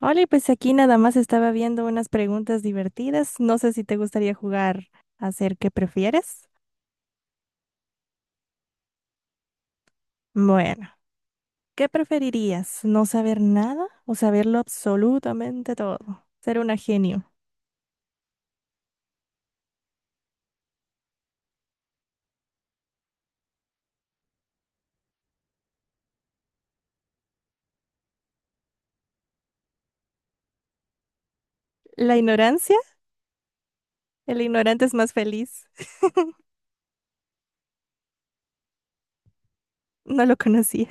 Hola, y pues aquí nada más estaba viendo unas preguntas divertidas. No sé si te gustaría jugar a hacer qué prefieres. Bueno, ¿qué preferirías? ¿No saber nada o saberlo absolutamente todo? Ser una genio. ¿La ignorancia? El ignorante es más feliz. No lo conocía.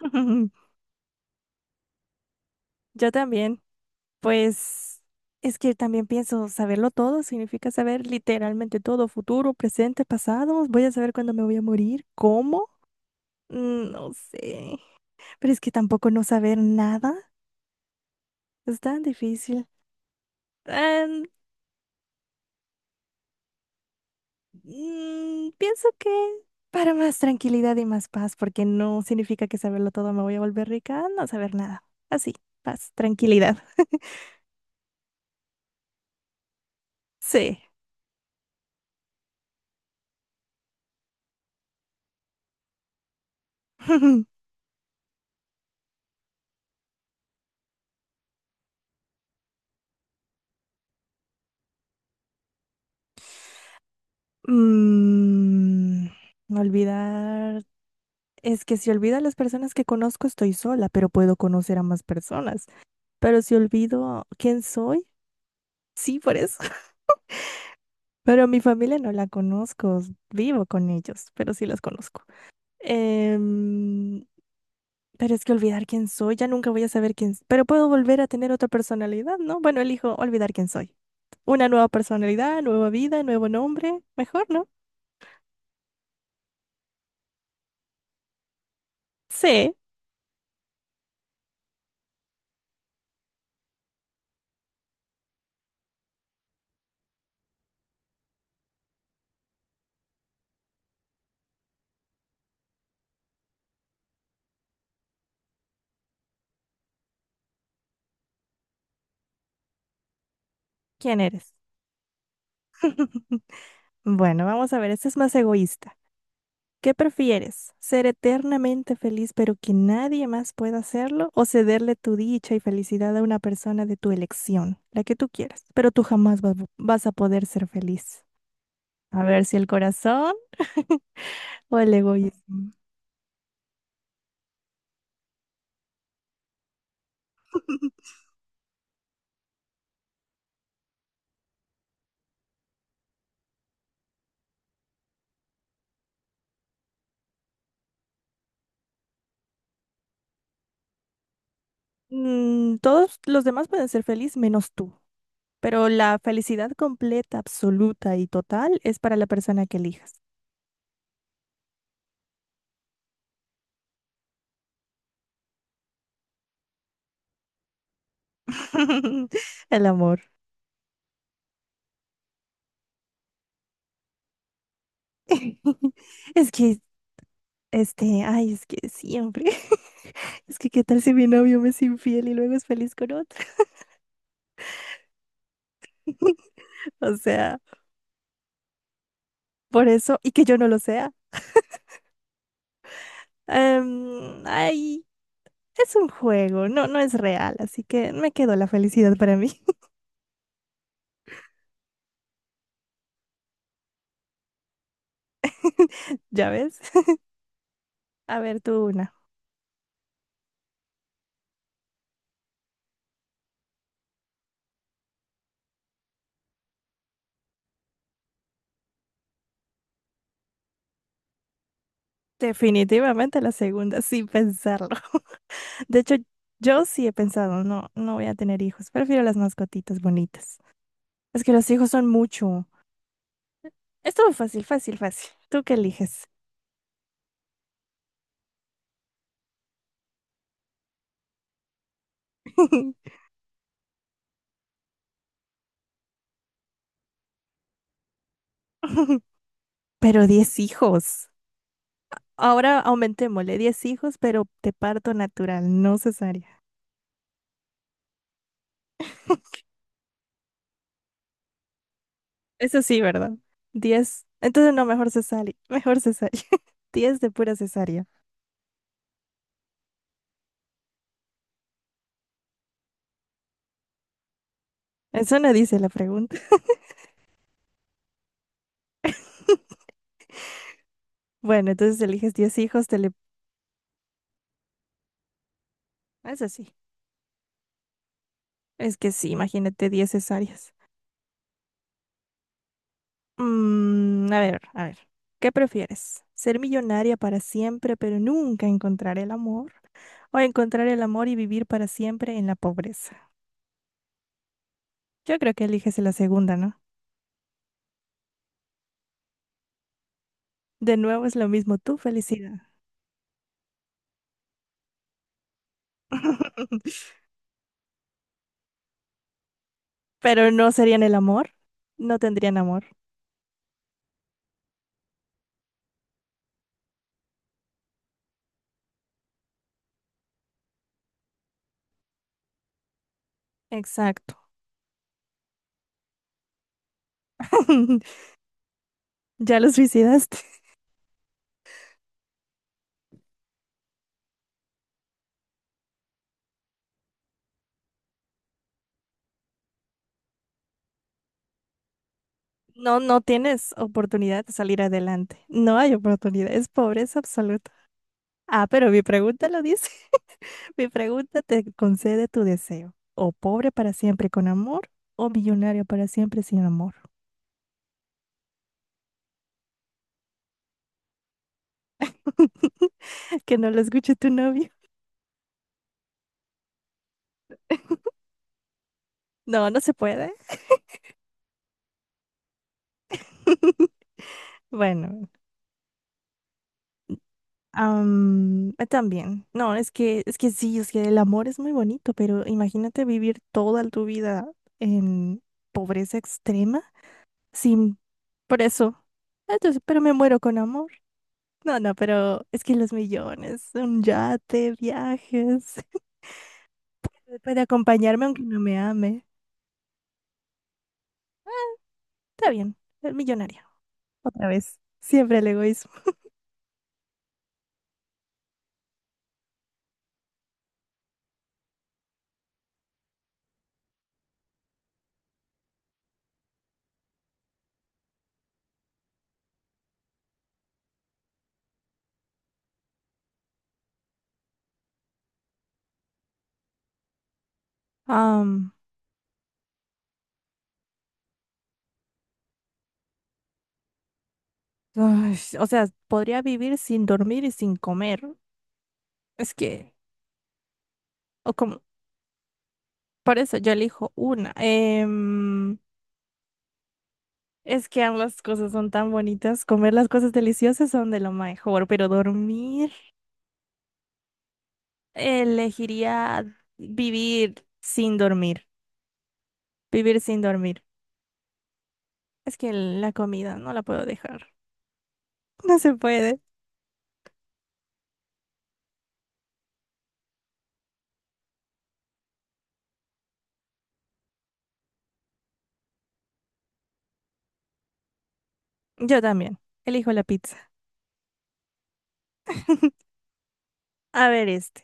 Yo también. Pues es que también pienso, saberlo todo significa saber literalmente todo, futuro, presente, pasado. Voy a saber cuándo me voy a morir, cómo. No sé. Pero es que tampoco no saber nada es tan difícil. Em, pienso que para más tranquilidad y más paz, porque no significa que saberlo todo me voy a volver rica, no saber nada. Así, paz, tranquilidad. Sí. Mm, olvidar. Es que si olvido a las personas que conozco, estoy sola, pero puedo conocer a más personas. Pero si olvido quién soy, sí, por eso. Pero mi familia no la conozco, vivo con ellos, pero sí los conozco. Em, pero es que olvidar quién soy, ya nunca voy a saber quién, pero puedo volver a tener otra personalidad, ¿no? Bueno, elijo olvidar quién soy. Una nueva personalidad, nueva vida, nuevo nombre, mejor, ¿no? Sé quién eres. Bueno, vamos a ver, este es más egoísta. ¿Qué prefieres? ¿Ser eternamente feliz pero que nadie más pueda hacerlo? ¿O cederle tu dicha y felicidad a una persona de tu elección, la que tú quieras? Pero tú jamás vas a poder ser feliz. A ver si el corazón o el egoísmo. Todos los demás pueden ser feliz menos tú, pero la felicidad completa, absoluta y total es para la persona que elijas. El amor. Es que, este, ay, es que siempre. Es que qué tal si mi novio me es infiel y luego es feliz con otro. O sea, por eso, y que yo no lo sea. Ay, es un juego, no, no es real, así que me quedo la felicidad para mí. ¿Ya ves? A ver, tú una. Definitivamente la segunda, sin pensarlo. De hecho, yo sí he pensado, no, no voy a tener hijos. Prefiero las mascotitas bonitas. Es que los hijos son mucho. Estuvo fácil, fácil, fácil. ¿Tú qué eliges? Pero 10 hijos. Ahora aumentémosle 10 hijos, pero de parto natural, no cesárea. Eso sí, ¿verdad? 10, entonces no, mejor cesárea. Mejor cesárea. 10 de pura cesárea. Eso no dice la pregunta. Bueno, entonces eliges 10 hijos, te le... Eso sí. Es que sí, imagínate 10 cesáreas. A ver, a ver. ¿Qué prefieres? ¿Ser millonaria para siempre, pero nunca encontrar el amor? ¿O encontrar el amor y vivir para siempre en la pobreza? Yo creo que eliges la segunda, ¿no? De nuevo es lo mismo, tu felicidad. Pero no serían el amor, no tendrían amor. Exacto. Ya lo suicidaste. No, no tienes oportunidad de salir adelante. No hay oportunidad, es pobreza absoluta. Ah, pero mi pregunta lo dice. Mi pregunta te concede tu deseo. O pobre para siempre con amor, o millonario para siempre sin amor. Que no lo escuche tu novio. No, no se puede. Bueno. También. No, es que sí, es que el amor es muy bonito, pero imagínate vivir toda tu vida en pobreza extrema sin por eso. Ah, entonces, pero me muero con amor. No, no, pero es que los millones, un yate, viajes, puede acompañarme aunque no me ame. Está bien, el millonario. Otra vez. Siempre el egoísmo. Am, ay, o sea, podría vivir sin dormir y sin comer. Es que, o como Por eso yo elijo una. Es que ambas cosas son tan bonitas. Comer las cosas deliciosas son de lo mejor, pero dormir, elegiría vivir sin dormir. Vivir sin dormir. Es que la comida no la puedo dejar. No se puede. Yo también. Elijo la pizza. A ver este.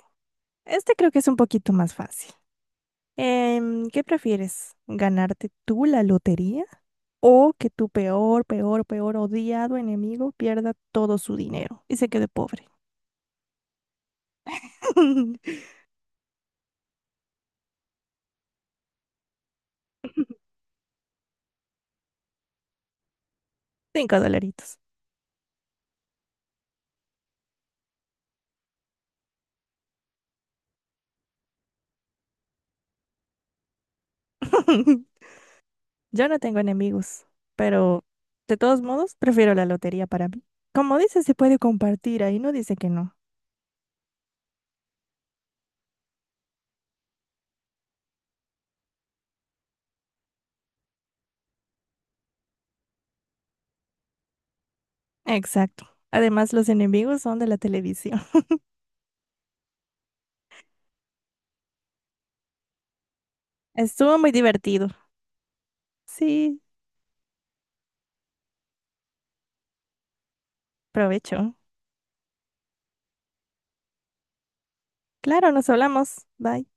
Este creo que es un poquito más fácil. ¿Qué prefieres? ¿Ganarte tú la lotería? O que tu peor, peor, peor odiado enemigo pierda todo su dinero y se quede pobre. 5 dolaritos. Yo no tengo enemigos, pero de todos modos prefiero la lotería para mí. Como dice, se puede compartir, ahí no dice que no. Exacto. Además, los enemigos son de la televisión. Estuvo muy divertido. Sí, provecho. Claro, nos hablamos. Bye.